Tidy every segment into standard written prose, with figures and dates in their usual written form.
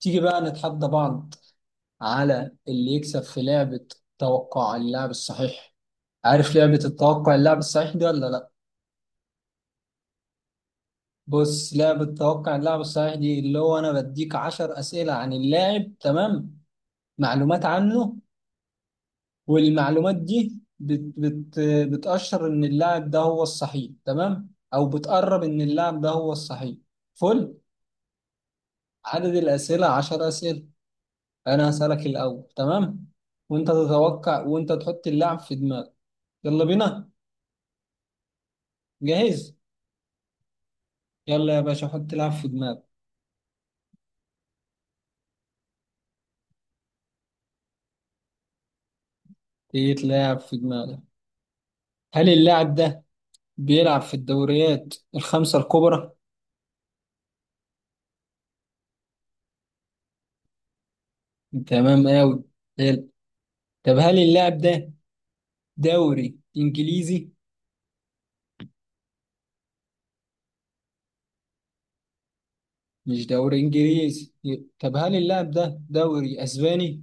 تيجي بقى نتحدى بعض على اللي يكسب في لعبة توقع اللاعب الصحيح. عارف لعبة التوقع اللاعب الصحيح دي ولا لا؟ بص، لعبة توقع اللاعب الصحيح دي اللي هو أنا بديك عشر أسئلة عن اللاعب، تمام؟ معلومات عنه، والمعلومات دي بت بت بتأشر إن اللاعب ده هو الصحيح، تمام، أو بتقرب إن اللاعب ده هو الصحيح. فل، عدد الأسئلة عشر أسئلة. أنا هسألك الأول، تمام، وأنت تتوقع، وأنت تحط اللاعب في دماغك. يلا بينا. جاهز؟ يلا يا باشا، حط لاعب في دماغك. يتلعب في دماغك. هل اللاعب ده بيلعب في الدوريات الخمسة الكبرى؟ تمام قوي، حلو. طب هل اللاعب ده دوري انجليزي؟ مش دوري انجليزي. طب هل اللاعب ده دوري اسباني؟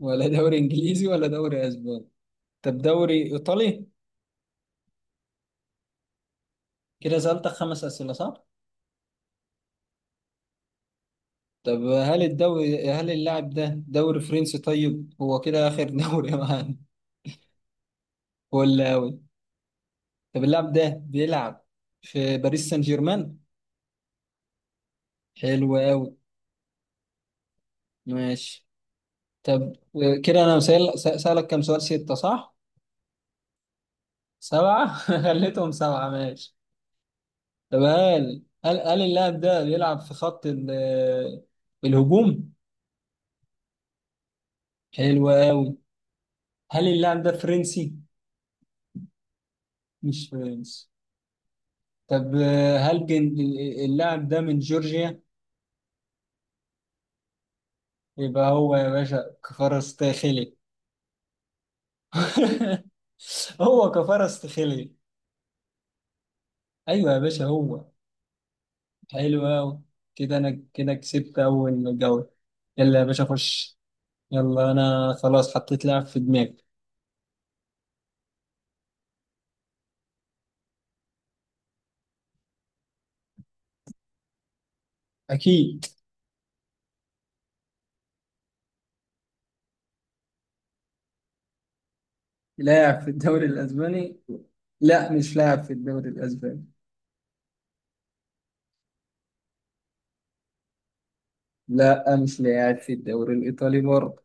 ولا دوري انجليزي ولا دوري اسباني. طب دوري ايطالي؟ كده سألتك خمس أسئلة، صح؟ طب هل اللاعب ده دوري فرنسي؟ طيب هو كده آخر دوري معانا. ولا؟ طب اللاعب ده بيلعب في باريس سان جيرمان؟ حلو قوي. ماشي. طب كده انا سألك كم سؤال، ستة صح؟ سبعة خليتهم سبعة، ماشي. طب هل اللاعب ده بيلعب في خط الهجوم؟ حلو قوي. هل اللاعب ده فرنسي؟ مش فرنسي. طب هل جن- اللاعب ده من جورجيا؟ يبقى هو يا باشا كفارستخيلي. هو كفارستخيلي. ايوه يا باشا، هو. حلو أوي. كده أنا كده كسبت أول جولة. يلا يا باشا، خش. يلا أنا خلاص حطيت لاعب في دماغي. أكيد. لاعب في الدوري الأسباني؟ لا مش لاعب في الدوري الأسباني. لا مش لاعب في الدوري الإيطالي برضه.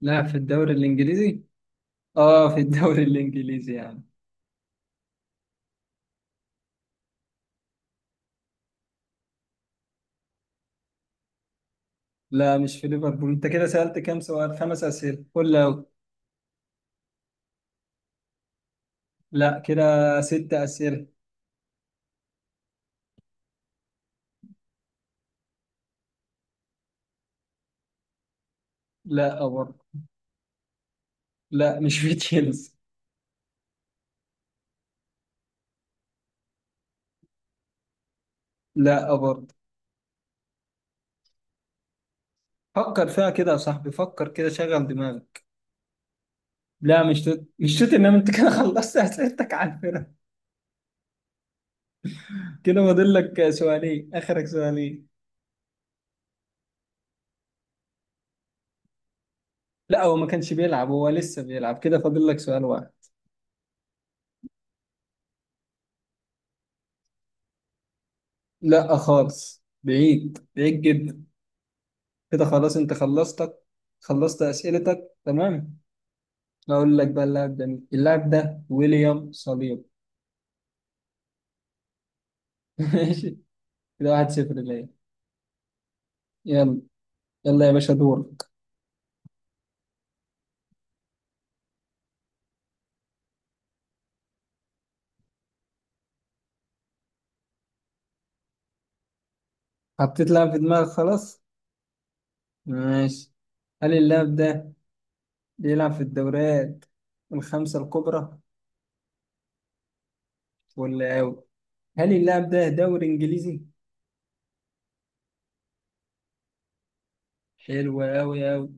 لاعب في الدوري الإنجليزي. آه في الدوري الإنجليزي يعني. لا مش في ليفربول. أنت كده سألت كام سؤال، خمس أسئلة، قول أوي. لا كده ست أسئلة. لا برضه. لا مش في تشيلسي. لا برضه. فكر فيها كده يا صاحبي، فكر كده، شغل دماغك. لا مش توت، انما انت كده خلصت اسئلتك على الفرق. كده فاضل لك سؤالين، اخرك سؤالين. لا هو ما كانش بيلعب، هو لسه بيلعب. كده فاضل لك سؤال واحد. لا خالص، بعيد بعيد جدا. كده خلاص انت خلصتك، خلصت اسئلتك، تمام. اقول لك بقى اللاعب ده مين، اللاعب ده ويليام صليب. ماشي. كده واحد صفر ليا. يلا. يلا يا باشا دور. حطيت لاعب في دماغك خلاص؟ ماشي. هل اللاعب ده بيلعب في الدوريات الخمسة الكبرى؟ ولا أوي. هل اللاعب ده دوري إنجليزي؟ حلو أوي أوي.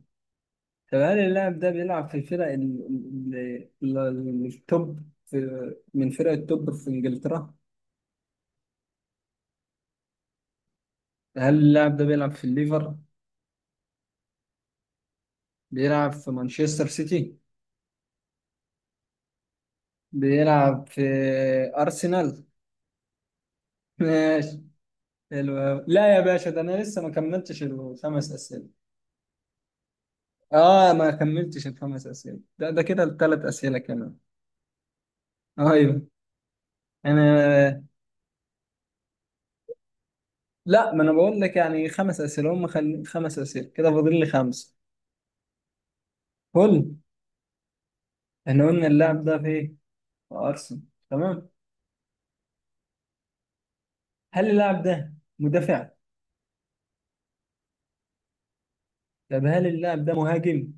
طب هل اللاعب ده بيلعب في فرق التوب في، من فرق التوب في إنجلترا؟ هل اللاعب ده بيلعب في الليفر؟ بيلعب في مانشستر سيتي؟ بيلعب في أرسنال؟ ماشي. حلو أوي. لا يا باشا، ده أنا لسه ما كملتش الخمس أسئلة. آه ما كملتش الخمس أسئلة. ده كده الثلاث أسئلة كمان. ايوه. انا، لا ما انا بقول لك يعني خمس اسئله هم خمس اسئله. كده فاضل لي خمسه. قول. احنا قلنا اللاعب ده في ايه؟ في ارسنال، تمام. هل اللاعب ده مدافع؟ طب هل اللاعب ده مهاجم؟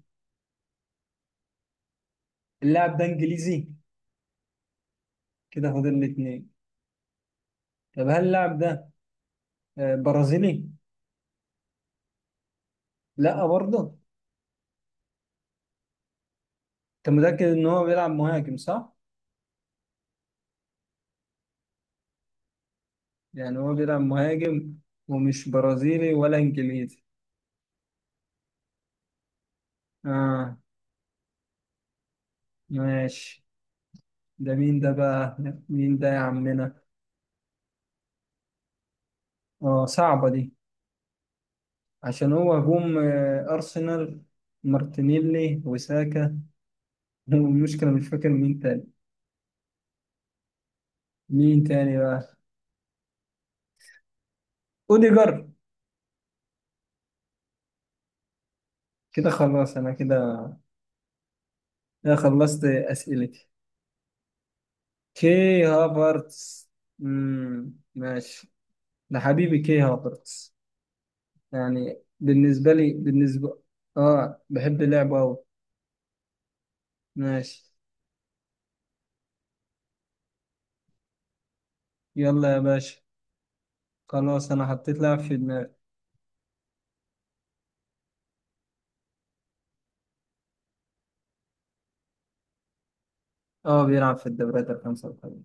اللاعب ده انجليزي؟ كده فاضل لي اتنين. طب هل اللاعب ده آه، برازيلي؟ لا برضه. انت متاكد ان هو بيلعب مهاجم، صح؟ يعني هو بيلعب مهاجم ومش برازيلي ولا انجليزي. اه. ماشي. ده مين ده بقى؟ مين ده يا عمنا؟ اه، صعبه دي. عشان هو هجوم، آه، أرسنال. مارتينيلي وساكا. والمشكلة مش فاكر مين تاني. مين تاني بقى؟ أوديجارد؟ كده خلاص أنا كده خلصت أسئلتي. كي هافرتس. مم، ماشي. ده حبيبي كي هافرتس. يعني بالنسبة لي، آه بحب لعبه أوي. ماشي. يلا يا باشا. خلاص أنا حطيت لاعب في دماغي. آه بيلعب في الدوريات الخمسة الكبرى.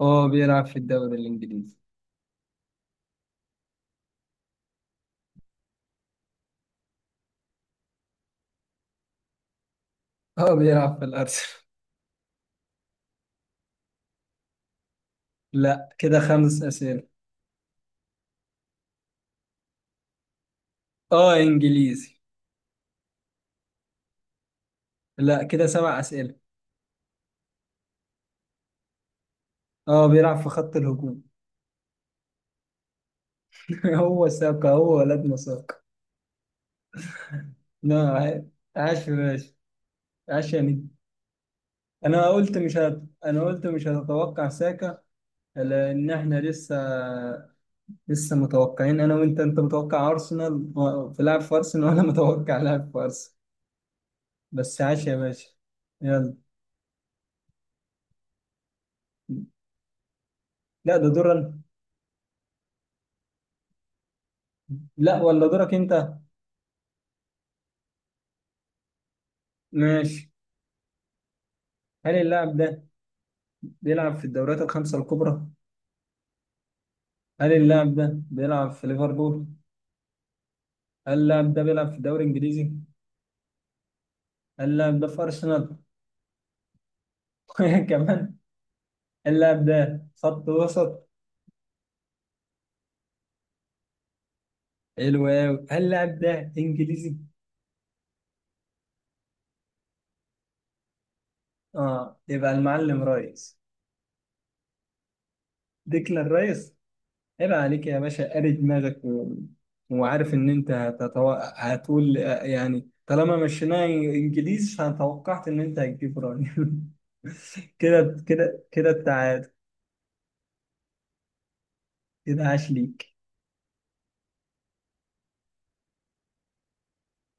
آه بيلعب في الدوري الإنجليزي. هو بيلعب في الأرسنال. لا كده خمس أسئلة. اه إنجليزي. لا كده سبع أسئلة. اه بيلعب في خط الهجوم. هو ساكا، هو ولدنا ساكا. لا عاش. عاش يا باشا. عاش يا نجم. أنا قلت مش هتتوقع ساكا. لأن إحنا لسه متوقعين أنا وأنت. أنت متوقع أرسنال في لاعب في أرسنال وأنا متوقع لاعب في أرسنال. بس عاش يا باشا. يلا. لا ده دور أنا. لا ولا دورك أنت. ماشي. هل اللاعب ده بيلعب في الدوريات الخمسة الكبرى؟ هل اللاعب ده بيلعب في ليفربول؟ هل اللاعب ده بيلعب في الدوري الإنجليزي؟ هل اللاعب ده في أرسنال؟ كمان. هل اللاعب ده خط وسط؟ حلو أوي. هل اللاعب ده إنجليزي؟ آه يبقى المعلم رايس. ديكلان رايس. عيب عليك يا باشا، قاري دماغك وعارف إن أنت هتقول آه، يعني طالما مشيناه إنجليزي فأتوقعت إن أنت هتجيب رايس. كده كده كده التعادل. كده عاش ليك.